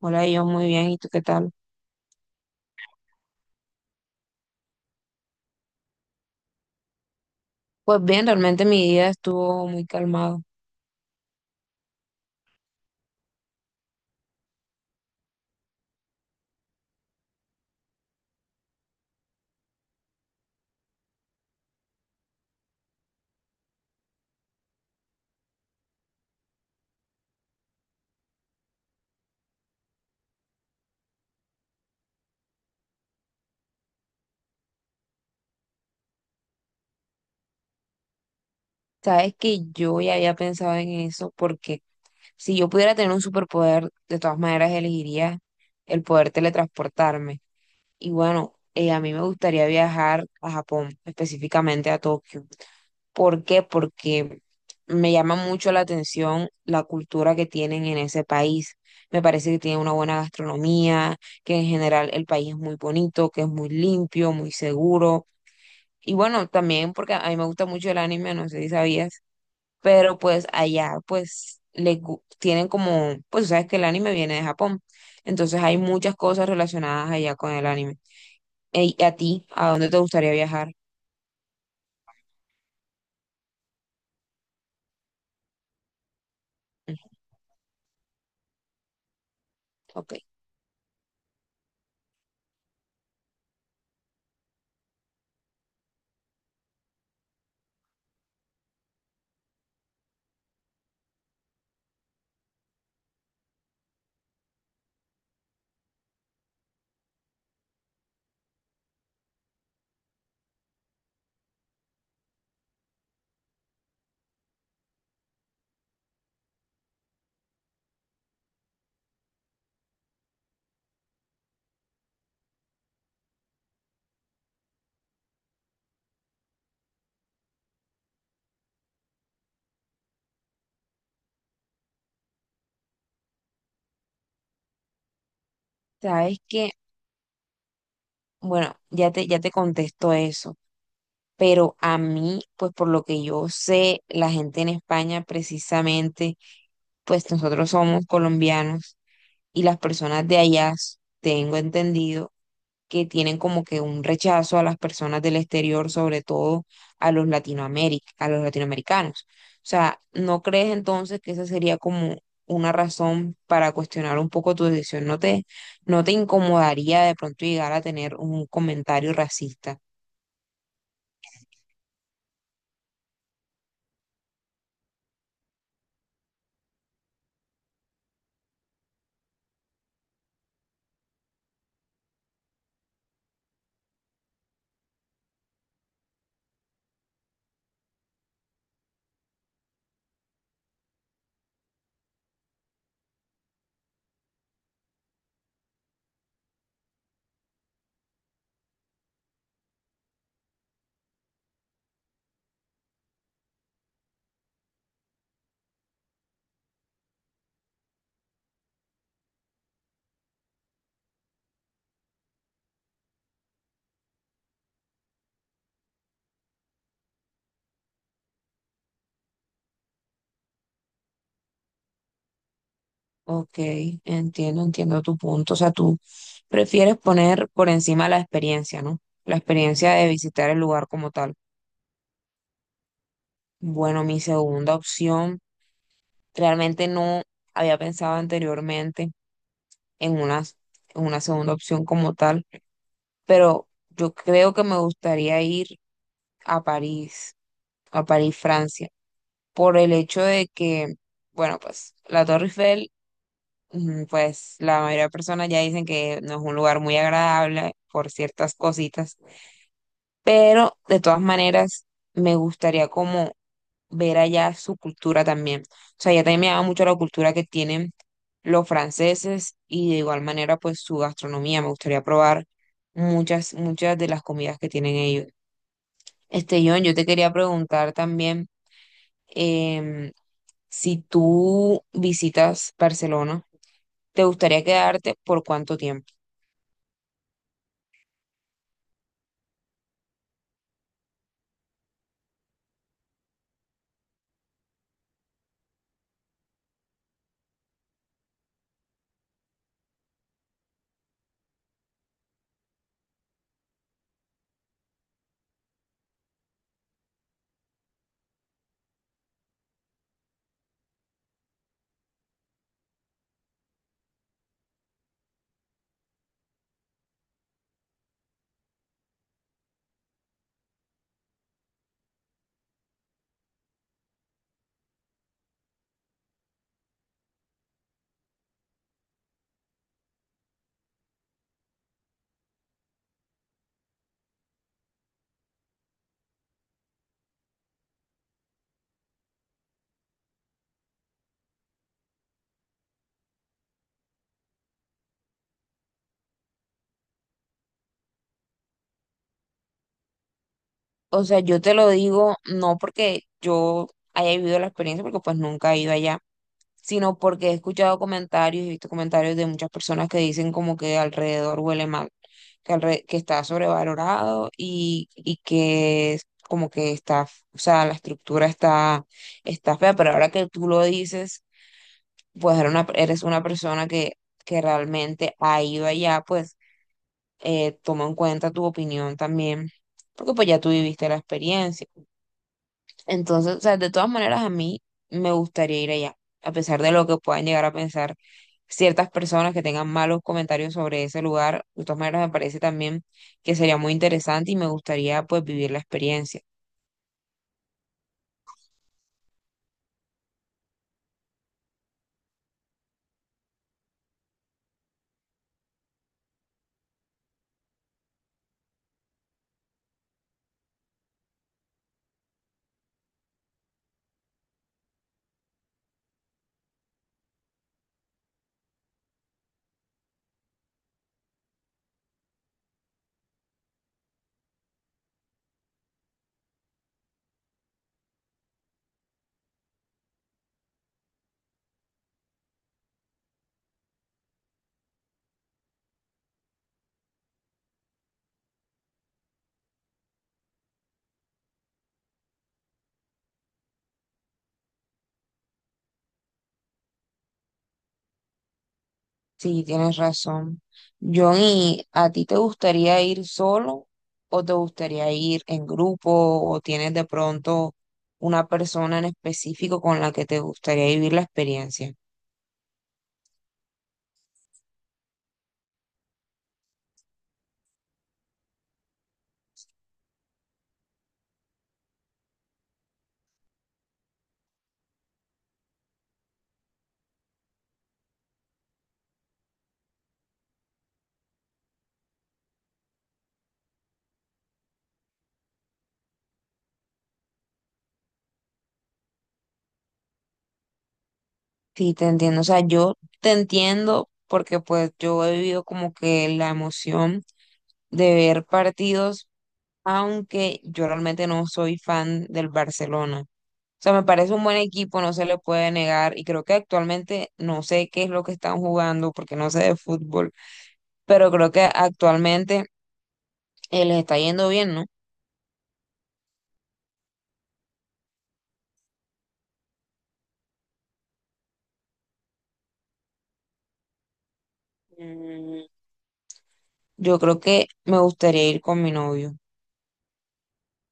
Hola, yo muy bien, ¿y tú qué tal? Pues bien, realmente mi día estuvo muy calmado. Sabes que yo ya había pensado en eso porque si yo pudiera tener un superpoder, de todas maneras elegiría el poder teletransportarme. Y bueno, a mí me gustaría viajar a Japón, específicamente a Tokio. ¿Por qué? Porque me llama mucho la atención la cultura que tienen en ese país. Me parece que tienen una buena gastronomía, que en general el país es muy bonito, que es muy limpio, muy seguro. Y bueno, también porque a mí me gusta mucho el anime, no sé si sabías, pero pues allá pues tienen como, pues tú sabes que el anime viene de Japón, entonces hay muchas cosas relacionadas allá con el anime. Ey, ¿y a ti, a dónde te gustaría viajar? Ujú. Ok, sabes que, bueno, ya te contesto eso, pero a mí, pues por lo que yo sé, la gente en España precisamente, pues nosotros somos colombianos y las personas de allá, tengo entendido, que tienen como que un rechazo a las personas del exterior, sobre todo a los a los latinoamericanos. O sea, ¿no crees entonces que esa sería como una razón para cuestionar un poco tu decisión? ¿No te incomodaría de pronto llegar a tener un comentario racista? Ok, entiendo, entiendo tu punto. O sea, tú prefieres poner por encima la experiencia, ¿no? La experiencia de visitar el lugar como tal. Bueno, mi segunda opción. Realmente no había pensado anteriormente en una, en una segunda opción como tal, pero yo creo que me gustaría ir a París, a París, Francia, por el hecho de que, bueno, pues la Torre Eiffel, pues la mayoría de personas ya dicen que no es un lugar muy agradable por ciertas cositas, pero de todas maneras me gustaría como ver allá su cultura también. O sea, ya también me llama mucho la cultura que tienen los franceses y de igual manera pues su gastronomía. Me gustaría probar muchas, muchas de las comidas que tienen ellos. Este, John, yo te quería preguntar también, em, si tú visitas Barcelona, ¿te gustaría quedarte por cuánto tiempo? O sea, yo te lo digo no porque yo haya vivido la experiencia, porque pues nunca he ido allá, sino porque he escuchado comentarios y he visto comentarios de muchas personas que dicen como que alrededor huele mal, que, que está sobrevalorado y que es como que está, o sea, la estructura está, está fea, pero ahora que tú lo dices, pues eres una persona que realmente ha ido allá, pues toma en cuenta tu opinión también, porque pues ya tú viviste la experiencia. Entonces, o sea, de todas maneras a mí me gustaría ir allá, a pesar de lo que puedan llegar a pensar ciertas personas que tengan malos comentarios sobre ese lugar, de todas maneras me parece también que sería muy interesante y me gustaría pues vivir la experiencia. Sí, tienes razón. Johnny, ¿a ti te gustaría ir solo o te gustaría ir en grupo o tienes de pronto una persona en específico con la que te gustaría vivir la experiencia? Sí, te entiendo. O sea, yo te entiendo porque pues yo he vivido como que la emoción de ver partidos, aunque yo realmente no soy fan del Barcelona. O sea, me parece un buen equipo, no se le puede negar y creo que actualmente no sé qué es lo que están jugando porque no sé de fútbol, pero creo que actualmente les está yendo bien, ¿no? Mm, yo creo que me gustaría ir con mi novio.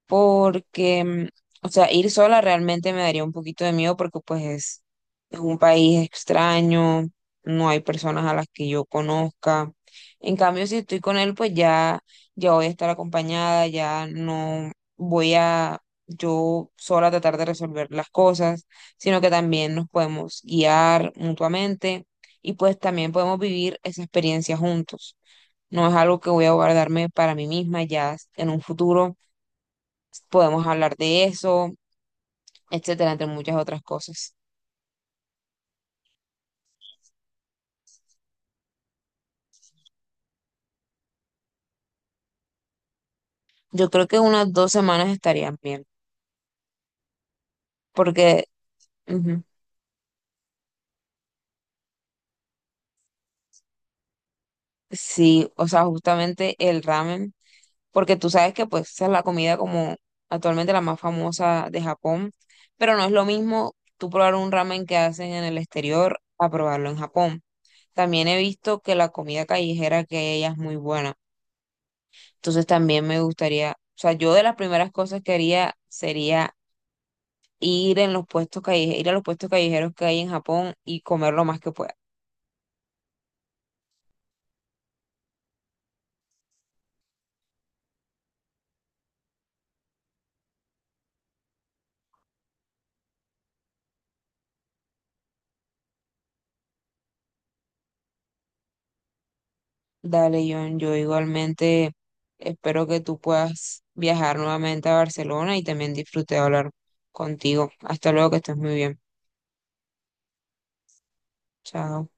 Porque, o sea, ir sola realmente me daría un poquito de miedo porque pues es un país extraño, no hay personas a las que yo conozca. En cambio, si estoy con él, pues ya, ya voy a estar acompañada, ya no voy a yo sola tratar de resolver las cosas, sino que también nos podemos guiar mutuamente y pues también podemos vivir esa experiencia juntos. No es algo que voy a guardarme para mí misma, ya en un futuro podemos hablar de eso, etcétera, entre muchas otras cosas. Yo creo que unas dos semanas estarían bien, porque ujú, sí, o sea, justamente el ramen, porque tú sabes que pues esa es la comida como actualmente la más famosa de Japón, pero no es lo mismo tú probar un ramen que hacen en el exterior a probarlo en Japón. También he visto que la comida callejera que hay allá es muy buena, entonces también me gustaría, o sea, yo de las primeras cosas que haría sería ir en los puestos callejeros, ir a los puestos callejeros que hay en Japón y comer lo más que pueda. Dale, John, yo igualmente espero que tú puedas viajar nuevamente a Barcelona y también disfruté de hablar contigo. Hasta luego, que estés muy bien. Chao.